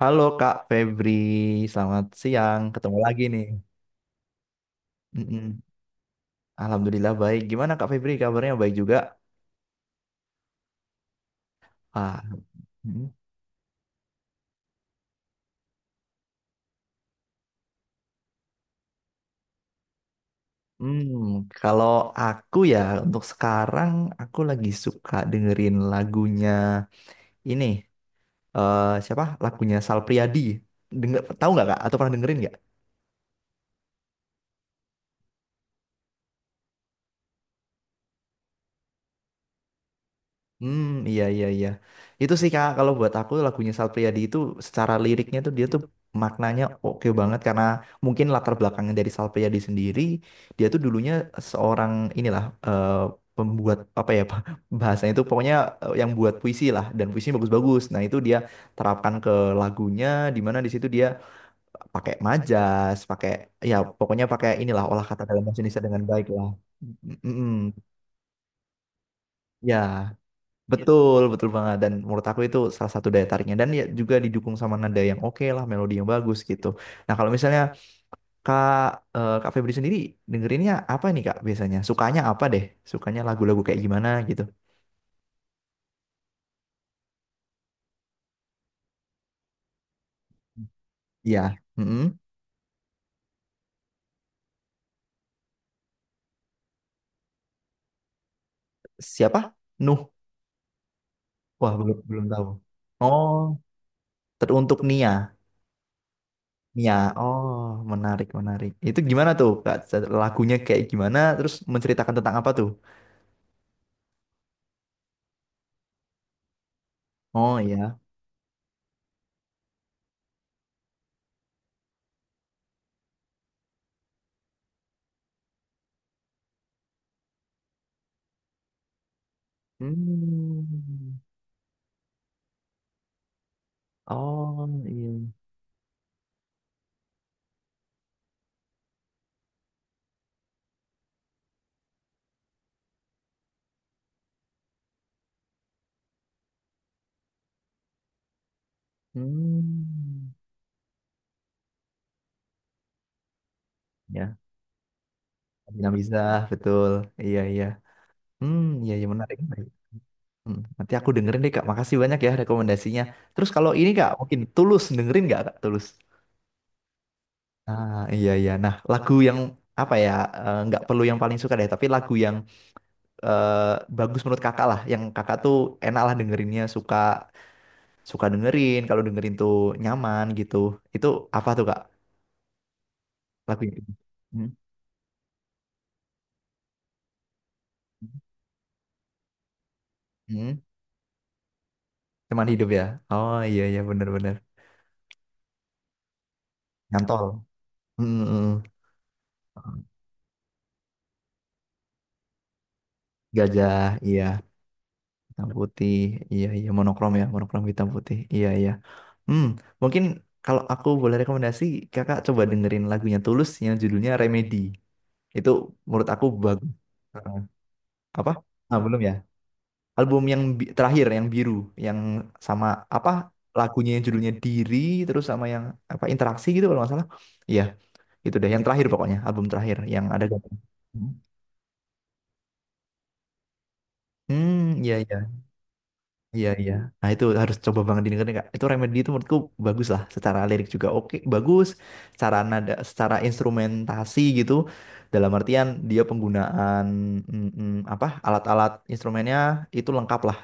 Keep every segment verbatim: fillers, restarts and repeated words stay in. Halo Kak Febri, selamat siang. Ketemu lagi nih. Mm-mm. Alhamdulillah baik. Gimana Kak Febri kabarnya? Baik juga? Ah, mm. Hmm, kalau aku ya untuk sekarang aku lagi suka dengerin lagunya ini eh siapa? Lagunya Sal Priadi. Dengar tahu nggak Kak? Atau pernah dengerin nggak? Hmm, iya iya iya. Itu sih Kak, kalau buat aku lagunya Sal Priadi itu secara liriknya tuh dia tuh maknanya oke banget karena mungkin latar belakangnya dari Sal Priadi sendiri, dia tuh dulunya seorang inilah eh, pembuat apa ya Pak, bahasanya itu pokoknya eh, yang buat puisi lah dan puisinya bagus-bagus. Nah, itu dia terapkan ke lagunya di mana di situ dia pakai majas, pakai ya pokoknya pakai inilah olah kata dalam bahasa Indonesia dengan baik lah. Mm, mm, mm. Ya. Betul, betul banget. Dan menurut aku itu salah satu daya tariknya. Dan ya juga didukung sama nada yang oke lah, melodi yang bagus gitu. Nah kalau misalnya Kak, eh, Kak Febri sendiri dengerinnya apa nih Kak biasanya? Sukanya apa deh? Sukanya lagu-lagu kayak gimana gitu? Iya. Mm-mm. Siapa? Nuh. Wah, belum belum tahu. Oh, teruntuk Nia. Nia. Oh, menarik menarik. Itu gimana tuh Kak? Lagunya kayak gimana? Terus menceritakan tentang apa tuh? Oh iya. Hmm. Oh iya. Hmm, ya, Nabila bisa betul. Iya, iya. Hmm, iya, iya menarik. Menarik. Hmm, nanti aku dengerin deh, Kak. Makasih banyak ya rekomendasinya. Terus kalau ini, Kak, mungkin Tulus dengerin nggak, Kak? Tulus. Ah, iya, iya. Nah, lagu yang apa ya? eh, Nggak perlu yang paling suka deh, tapi lagu yang eh, bagus menurut Kakak lah, yang Kakak tuh enak lah dengerinnya, suka suka dengerin. Kalau dengerin tuh nyaman gitu. Itu apa tuh, Kak? Lagunya? Hmm? Hmm? Hmm. Teman hidup ya? Oh iya iya, benar-benar. Nyantol. Mm, mm, mm. Gajah. Iya. Hitam putih. Iya iya, monokrom ya, monokrom hitam putih, iya iya. Hmm, mungkin kalau aku boleh rekomendasi, kakak coba dengerin lagunya Tulus yang judulnya Remedy. Itu menurut aku bagus. Heeh. Apa, ah belum ya, album yang bi- terakhir, yang biru, yang sama apa lagunya, yang judulnya Diri, terus sama yang apa, interaksi gitu kalau nggak salah. Iya, itu deh yang terakhir, pokoknya album terakhir yang ada gambar. Hmm, hmm, iya iya. Iya iya. Nah, itu harus coba banget didengerin Kak. Itu Remedy itu menurutku bagus lah. Secara lirik juga oke, bagus. Secara nada, secara instrumentasi gitu. Dalam artian dia penggunaan mm, mm, apa alat-alat instrumennya itu lengkap lah,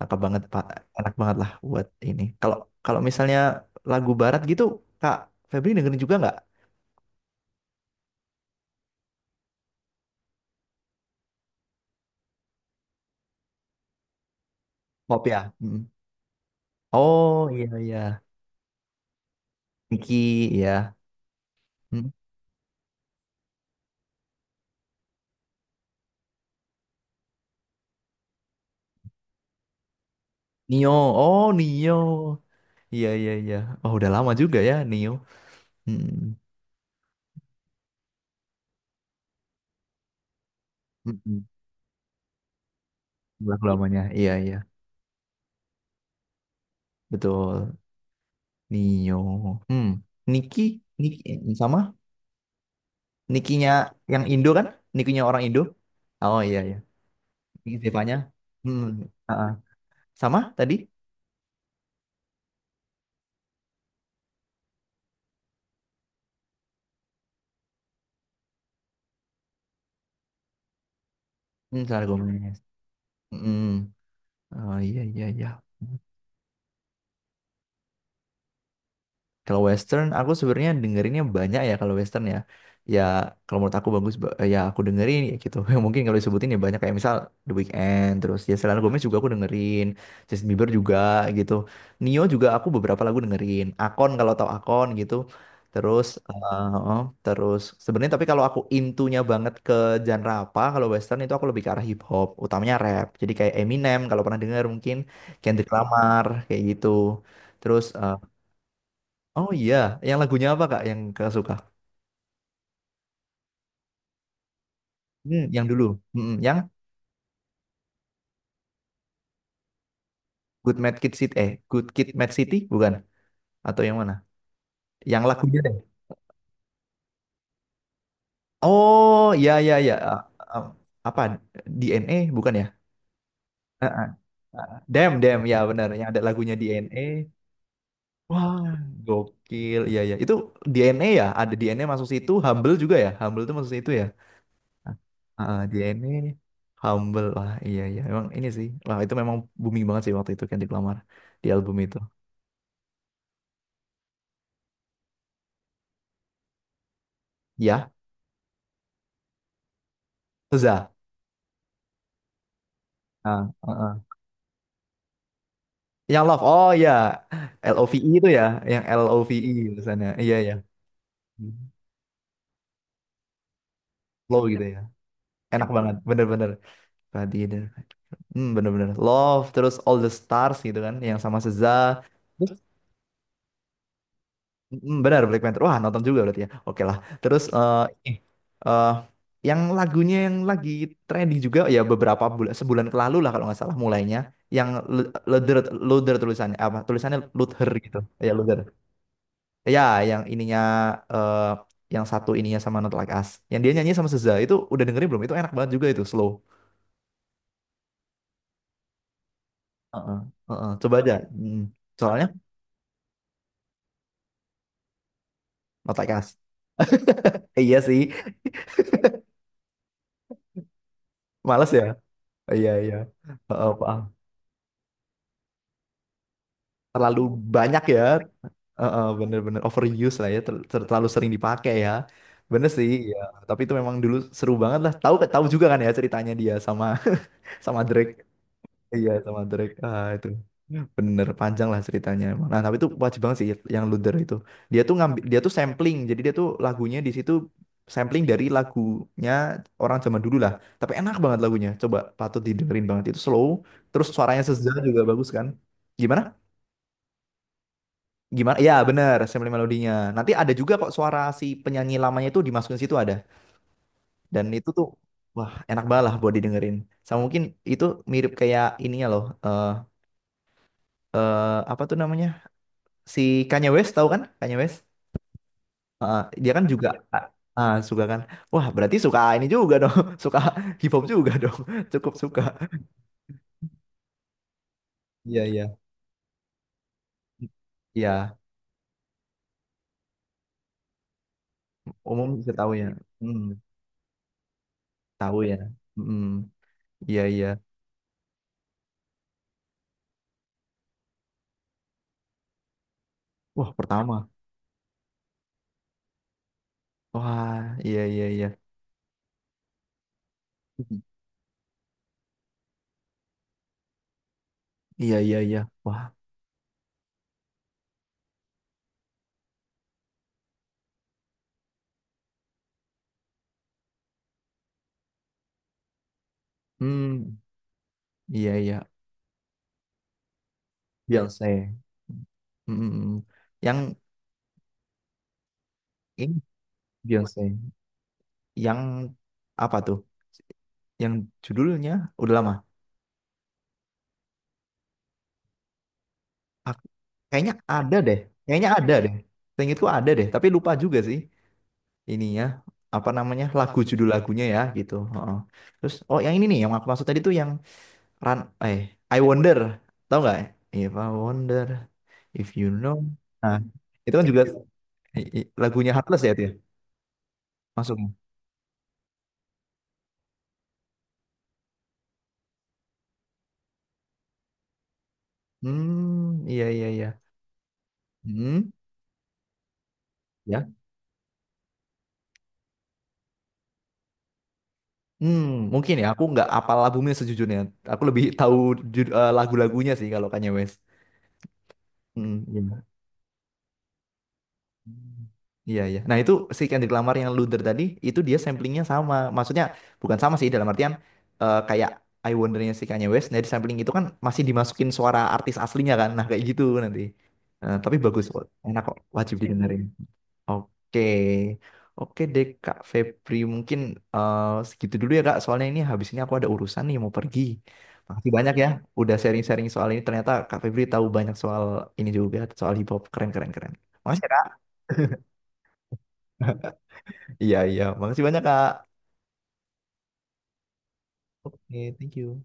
lengkap banget Pak. Enak banget lah buat ini. Kalau kalau misalnya lagu barat gitu, Kak Febri dengerin juga nggak? Pop ya. Mm. Oh iya iya. Niki ya. Mm. Nio, oh Nio. Iya iya iya. Oh udah lama juga ya Nio. Hmm, hmm, hmm. Lagu lamanya, iya iya, betul. Nio, hmm, Niki, Niki eh, sama Nikinya yang Indo kan? Nikinya orang Indo. Oh iya iya, Niki Zevanya. Hmm, ah, ah. Sama tadi? Hmm, Selena Gomez. Hmm, oh iya iya iya. Kalau Western, aku sebenarnya dengerinnya banyak ya kalau Western ya. Ya kalau menurut aku bagus, ba- ya aku dengerin ya gitu. Yang mungkin kalau disebutin ya banyak kayak misal The Weeknd, terus ya Selena Gomez juga aku dengerin, Justin Bieber juga gitu. Nio juga aku beberapa lagu dengerin. Akon, kalau tahu Akon gitu. Terus, eh, oh, terus sebenarnya tapi kalau aku intunya banget ke genre apa, kalau Western itu aku lebih ke arah hip hop, utamanya rap. Jadi kayak Eminem kalau pernah dengar mungkin, Kendrick Lamar kayak gitu. Terus eh, oh iya, yang lagunya apa Kak yang Kakak suka? Hmm, yang dulu. Hmm, yang Good Mad Kid City eh Good Kid Mad City bukan? Atau yang mana? Yang lagunya deh. Oh, iya iya iya. Ah, ah, apa D N A bukan ya? Ah, ah, ah. Damn, damn ya benar. Yang ada lagunya D N A. Wah, gokil. Iya iya. Itu D N A ya? Ada D N A masuk situ, Humble juga ya? Humble itu masuk situ ya? Ah, ah, D N A, Humble lah. Iya iya. Emang ini sih. Wah, itu memang booming banget sih waktu itu Kendrick Lamar di album itu. Ya, Seza. Ah, ah, ah. Yang love. Oh iya. LOVE itu ya, yang LOVE tulisannya. Iya iya. Hmm. Flow gitu ya. Enak banget. Bener-bener. Tadi ada. Hmm, bener-bener. Love terus All the Stars gitu kan yang sama Seza. Terus mm, bener, Black Panther. Wah, nonton juga berarti ya. Oke lah. Terus eh ini, eh, yang lagunya yang lagi trending juga ya beberapa bulan sebulan ke lalu lah kalau nggak salah mulainya, yang Lu- Luther, Luther tulisannya apa, tulisannya Luther gitu, ya Luther ya, yang ininya eh yang satu ininya sama Not Like Us yang dia nyanyi sama Seza, itu udah dengerin belum? Itu enak banget juga, itu slow. Heeh, heeh. Coba aja. Mm. Soalnya Not Like Us. Eh, iya sih, males ya. Oh, iya iya. Heeh, paham. Terlalu banyak ya. Heeh, bener-bener overuse lah ya, ter- ter- terlalu sering dipakai ya. Bener sih ya. Tapi itu memang dulu seru banget lah, tahu tahu juga kan ya ceritanya dia sama sama Drake. Iya, sama Drake. Ah, itu bener panjang lah ceritanya emang. Nah tapi itu wajib banget sih, yang Luther itu. Dia tuh ngambil, dia tuh sampling. Jadi dia tuh lagunya di situ sampling dari lagunya orang zaman dulu lah. Tapi enak banget lagunya. Coba patut didengerin banget. Itu slow. Terus suaranya Seza juga bagus kan. Gimana? Gimana? Ya bener, sampling melodinya. Nanti ada juga kok suara si penyanyi lamanya itu dimasukin situ, ada. Dan itu tuh, wah, enak banget lah buat didengerin. Sama mungkin itu mirip kayak ininya loh. eh eh, apa tuh namanya? Si Kanye West, tahu kan Kanye West. Heeh, dia kan, ah, juga ya. Ah, ah, suka kan, wah berarti suka ini juga dong suka hip hop juga dong. Cukup suka. Iya iya iya. Umum bisa tahu ya. Hmm, tahu ya. Hmm, iya iya. Wah, pertama. Wah, iya iya iya. Iya iya iya. Wah. Hmm, iya iya. Beyonce. Hmm, hmm, hmm. Yang ini, Beyonce, yang apa tuh, yang judulnya, udah lama. Ak- kayaknya ada deh. Kayaknya ada deh. Seingatku ada deh, tapi lupa juga sih ini ya, apa namanya lagu, judul lagunya ya gitu. Heeh. Terus oh yang ini nih yang aku maksud tadi tuh yang Run, eh, I Wonder, tahu nggak? If I wonder if you know. Nah, itu kan juga i- i- lagunya Heartless ya itu ya masuknya. Hmm, iya iya iya. Hmm, ya. Hmm, mungkin ya, aku nggak apal albumnya sejujurnya. Aku lebih tahu jud- eh, lagu-lagunya sih kalau Kanye West. Hmm, iya. Hmm. Iya, iya. Nah, itu si Kendrick Lamar yang Luther tadi, itu dia samplingnya sama. Maksudnya, bukan sama sih, dalam artian eh, kayak I Wonder-nya si Kanye West, nah di sampling itu kan masih dimasukin suara artis aslinya kan, nah kayak gitu nanti. Eh, tapi bagus kok, enak kok, wajib didengerin. Oke, oke deh Kak Febri, mungkin eh, segitu dulu ya Kak, soalnya ini habis ini aku ada urusan nih, mau pergi. Makasih banyak ya, udah sharing-sharing soal ini, ternyata Kak Febri tahu banyak soal ini juga, soal hip-hop, keren-keren-keren. Makasih ya Kak. Iya, iya. Makasih banyak, Kak. Oke, thank you.